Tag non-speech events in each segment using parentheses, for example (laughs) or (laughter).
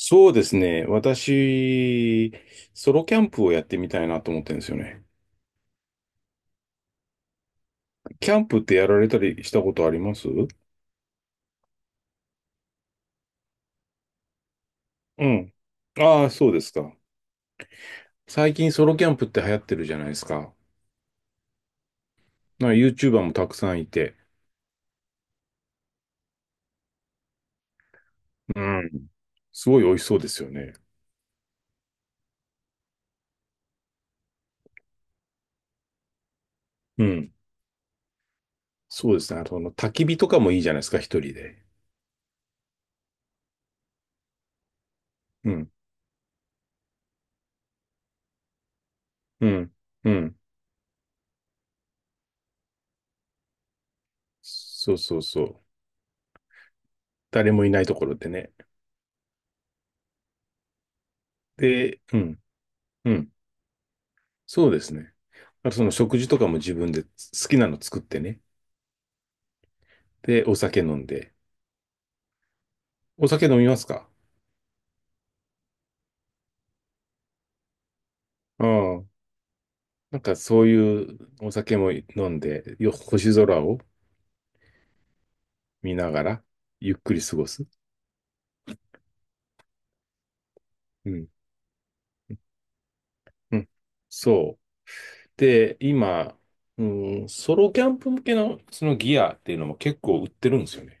そうですね。私、ソロキャンプをやってみたいなと思ってるんですよね。キャンプってやられたりしたことあります？うん。ああ、そうですか。最近ソロキャンプって流行ってるじゃないですか。なんか YouTuber もたくさんいて。うん。すごい美味しそうですよね。うん。そうですね。あと、焚き火とかもいいじゃないですか、一人で。うん。うん。うん。そうそうそう。誰もいないところでね。で、うん。うん。そうですね。あとその食事とかも自分で好きなの作ってね。で、お酒飲んで。お酒飲みますか？うん。なんかそういうお酒も飲んで、星空を見ながら、ゆっくり過ごす。うん。うん。そう。で、今、うん、ソロキャンプ向けのそのギアっていうのも結構売ってるんですよね。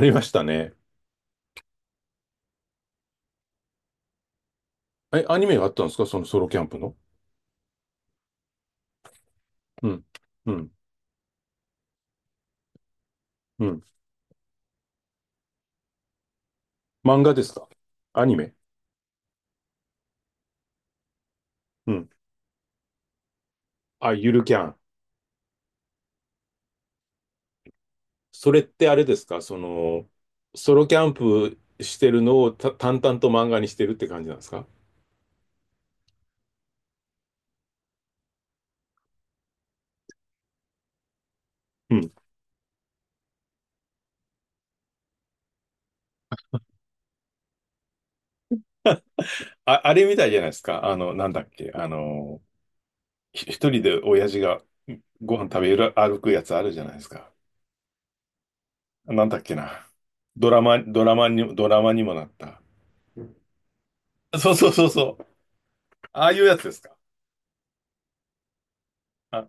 なりましたね。え、アニメがあったんですか、そのソロキャンプの。うん。うん。うん。漫画ですか、アニメ。うん。あ、ゆるキャン。それってあれですか、その、ソロキャンプしてるのを淡々と漫画にしてるって感じなんですか？うん。あ、あれみたいじゃないですか。なんだっけ。一人で親父がご飯食べる、歩くやつあるじゃないですか。なんだっけな。ドラマにもなった。そうそうそうそう。ああいうやつですか。あ、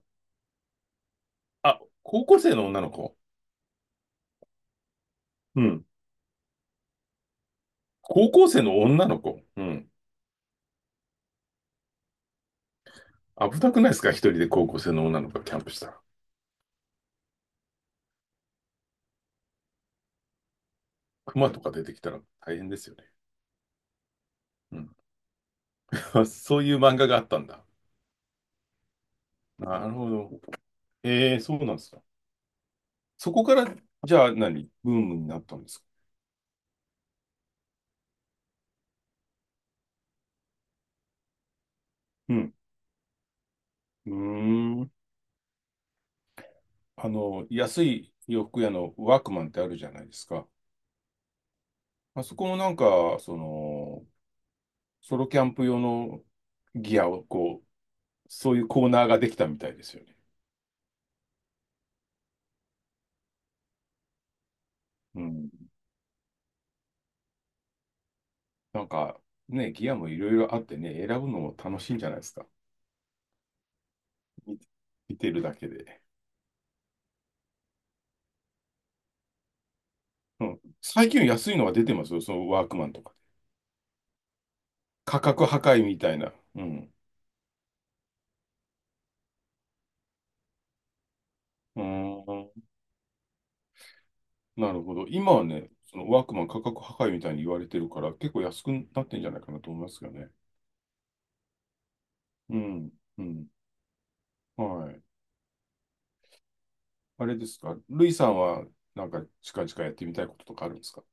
あ、高校生の女の子。うん。高校生の女の子。うん。危なくないですか、一人で高校生の女の子がキャンプしたら。熊とか出てきたら大変ですよね。うん。 (laughs) そういう漫画があったんだ。なるほど。ええ、そうなんですか。そこから、じゃあ何ブームになったんですか？うん。うーん。安い洋服屋のワークマンってあるじゃないですか。あそこもなんか、その、ソロキャンプ用のギアを、こう、そういうコーナーができたみたいですよね。うん。なんか、ね、ギアもいろいろあってね、選ぶのも楽しいんじゃないですか。見見てるだけで。うん。最近安いのが出てますよ、そのワークマンとか。価格破壊みたいな。うん。うーん。なるほど。今はね、そのワークマン価格破壊みたいに言われてるから、結構安くなってんじゃないかなと思いますよね。うん。うん。はい。あれですか。ルイさんは、なんか近々やってみたいこととかあるんですか？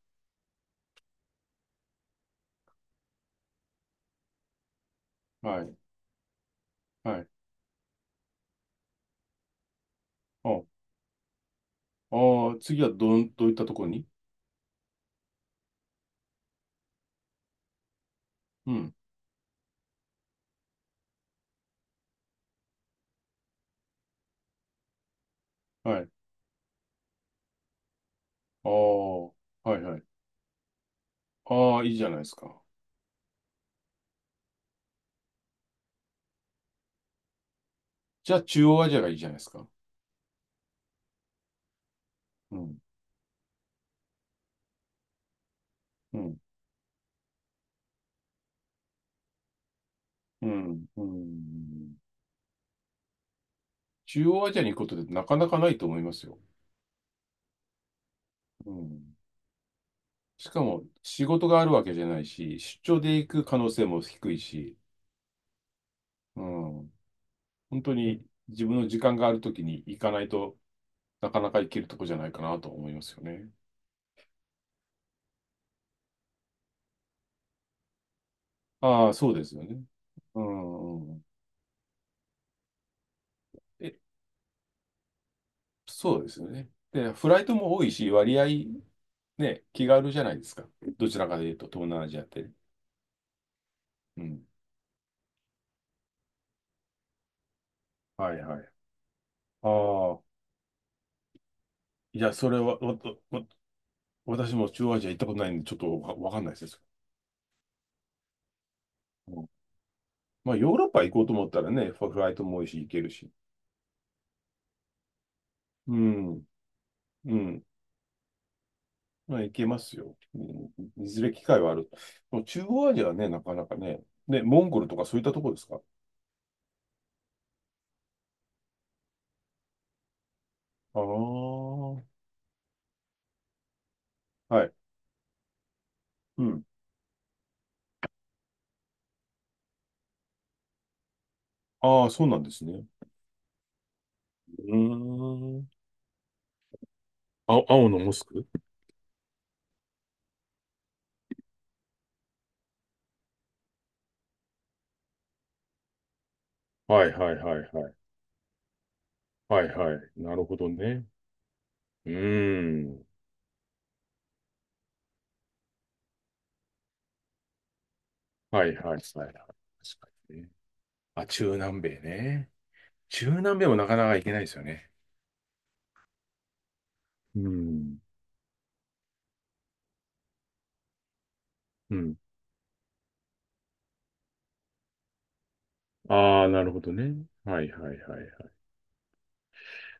はい。はい。あ、あー、次はどういったところに。うん。はい。ああ、はいはい。ああ、いいじゃないですか。じゃあ、中央アジアがいいじゃないですか。うん。うん。うん。うん。中央アジアに行くことってなかなかないと思いますよ。うん。しかも、仕事があるわけじゃないし、出張で行く可能性も低いし、うん、本当に自分の時間があるときに行かないとなかなか行けるとこじゃないかなと思いますよね。ああ、そうですよね。うん、うん。え、そうですよね。で、フライトも多いし、割合ね、気軽じゃないですか。どちらかで言うと、東南アジアって。うん。はいはい。ああ、いや、それは、わわわ私も中央アジア行ったことないんで、ちょっとわかんないです。うん。まあ、ヨーロッパ行こうと思ったらね、フライトも多いし、行けるし。うん、うん。まあ、行けますよ。うん。いずれ機会はある。もう中央アジアはね、なかなかね。ね、モンゴルとかそういったとこですか？ああー、はい。うん。ああ、そうなんですね。うーん。あ、青のモスク。はいはいはいはい。はいはい。なるほどね。うーん。はいはいはい。確かにね。あ、中南米ね。中南米もなかなか行けないですよね。うん。うん。ああ、なるほどね。はいはいはいはい。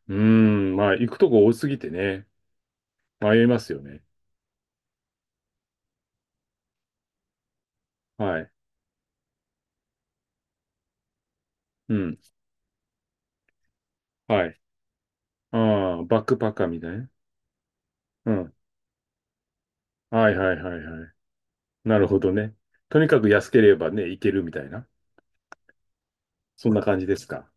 うーん、まあ、行くとこ多すぎてね、迷いますよね。はい。うん。はい。ああ、バックパッカーみたいなね。うん。はいはいはいはい。なるほどね。とにかく安ければね、行けるみたいな。そんな感じですか。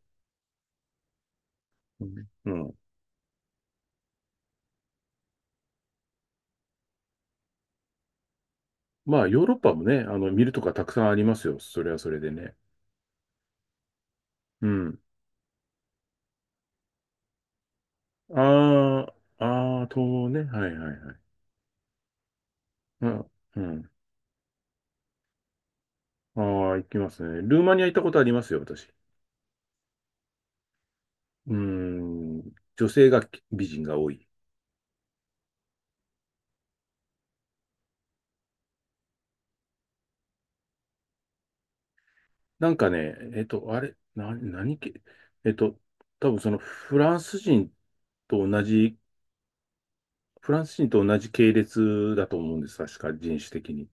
うん。うん。まあ、ヨーロッパもね、見るとかたくさんありますよ。それはそれでね。うん。ああ、ああ、とね。はいはいはい。うん。うん。ああ、行きますね。ルーマニア行ったことありますよ、私。うーん、女性が美人が多い。なんかね、えっと、あれ、な、何系、えっと、多分そのフランス人と同じ、フランス人と同じ系列だと思うんです、確か人種的に。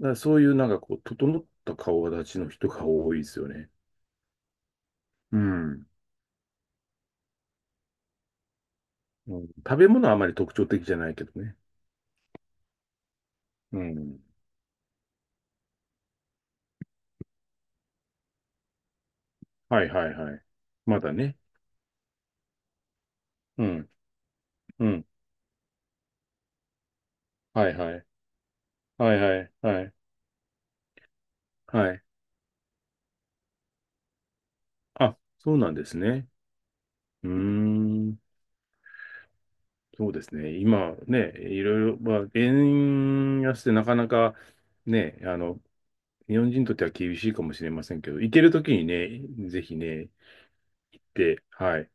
だからそういうなんかこう、整った顔立ちの人が多いですよね。うん。うん、食べ物はあまり特徴的じゃないけどね。うん。はいはいはい。まだね。うん。うん。はいはい。はいはいはい。はい。あ、そうなんですね。うーん。そうですね。今ね、いろいろ、まあ、円安でなかなかね、日本人にとっては厳しいかもしれませんけど、行けるときにね、ぜひね、行って、はい、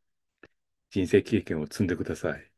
人生経験を積んでください。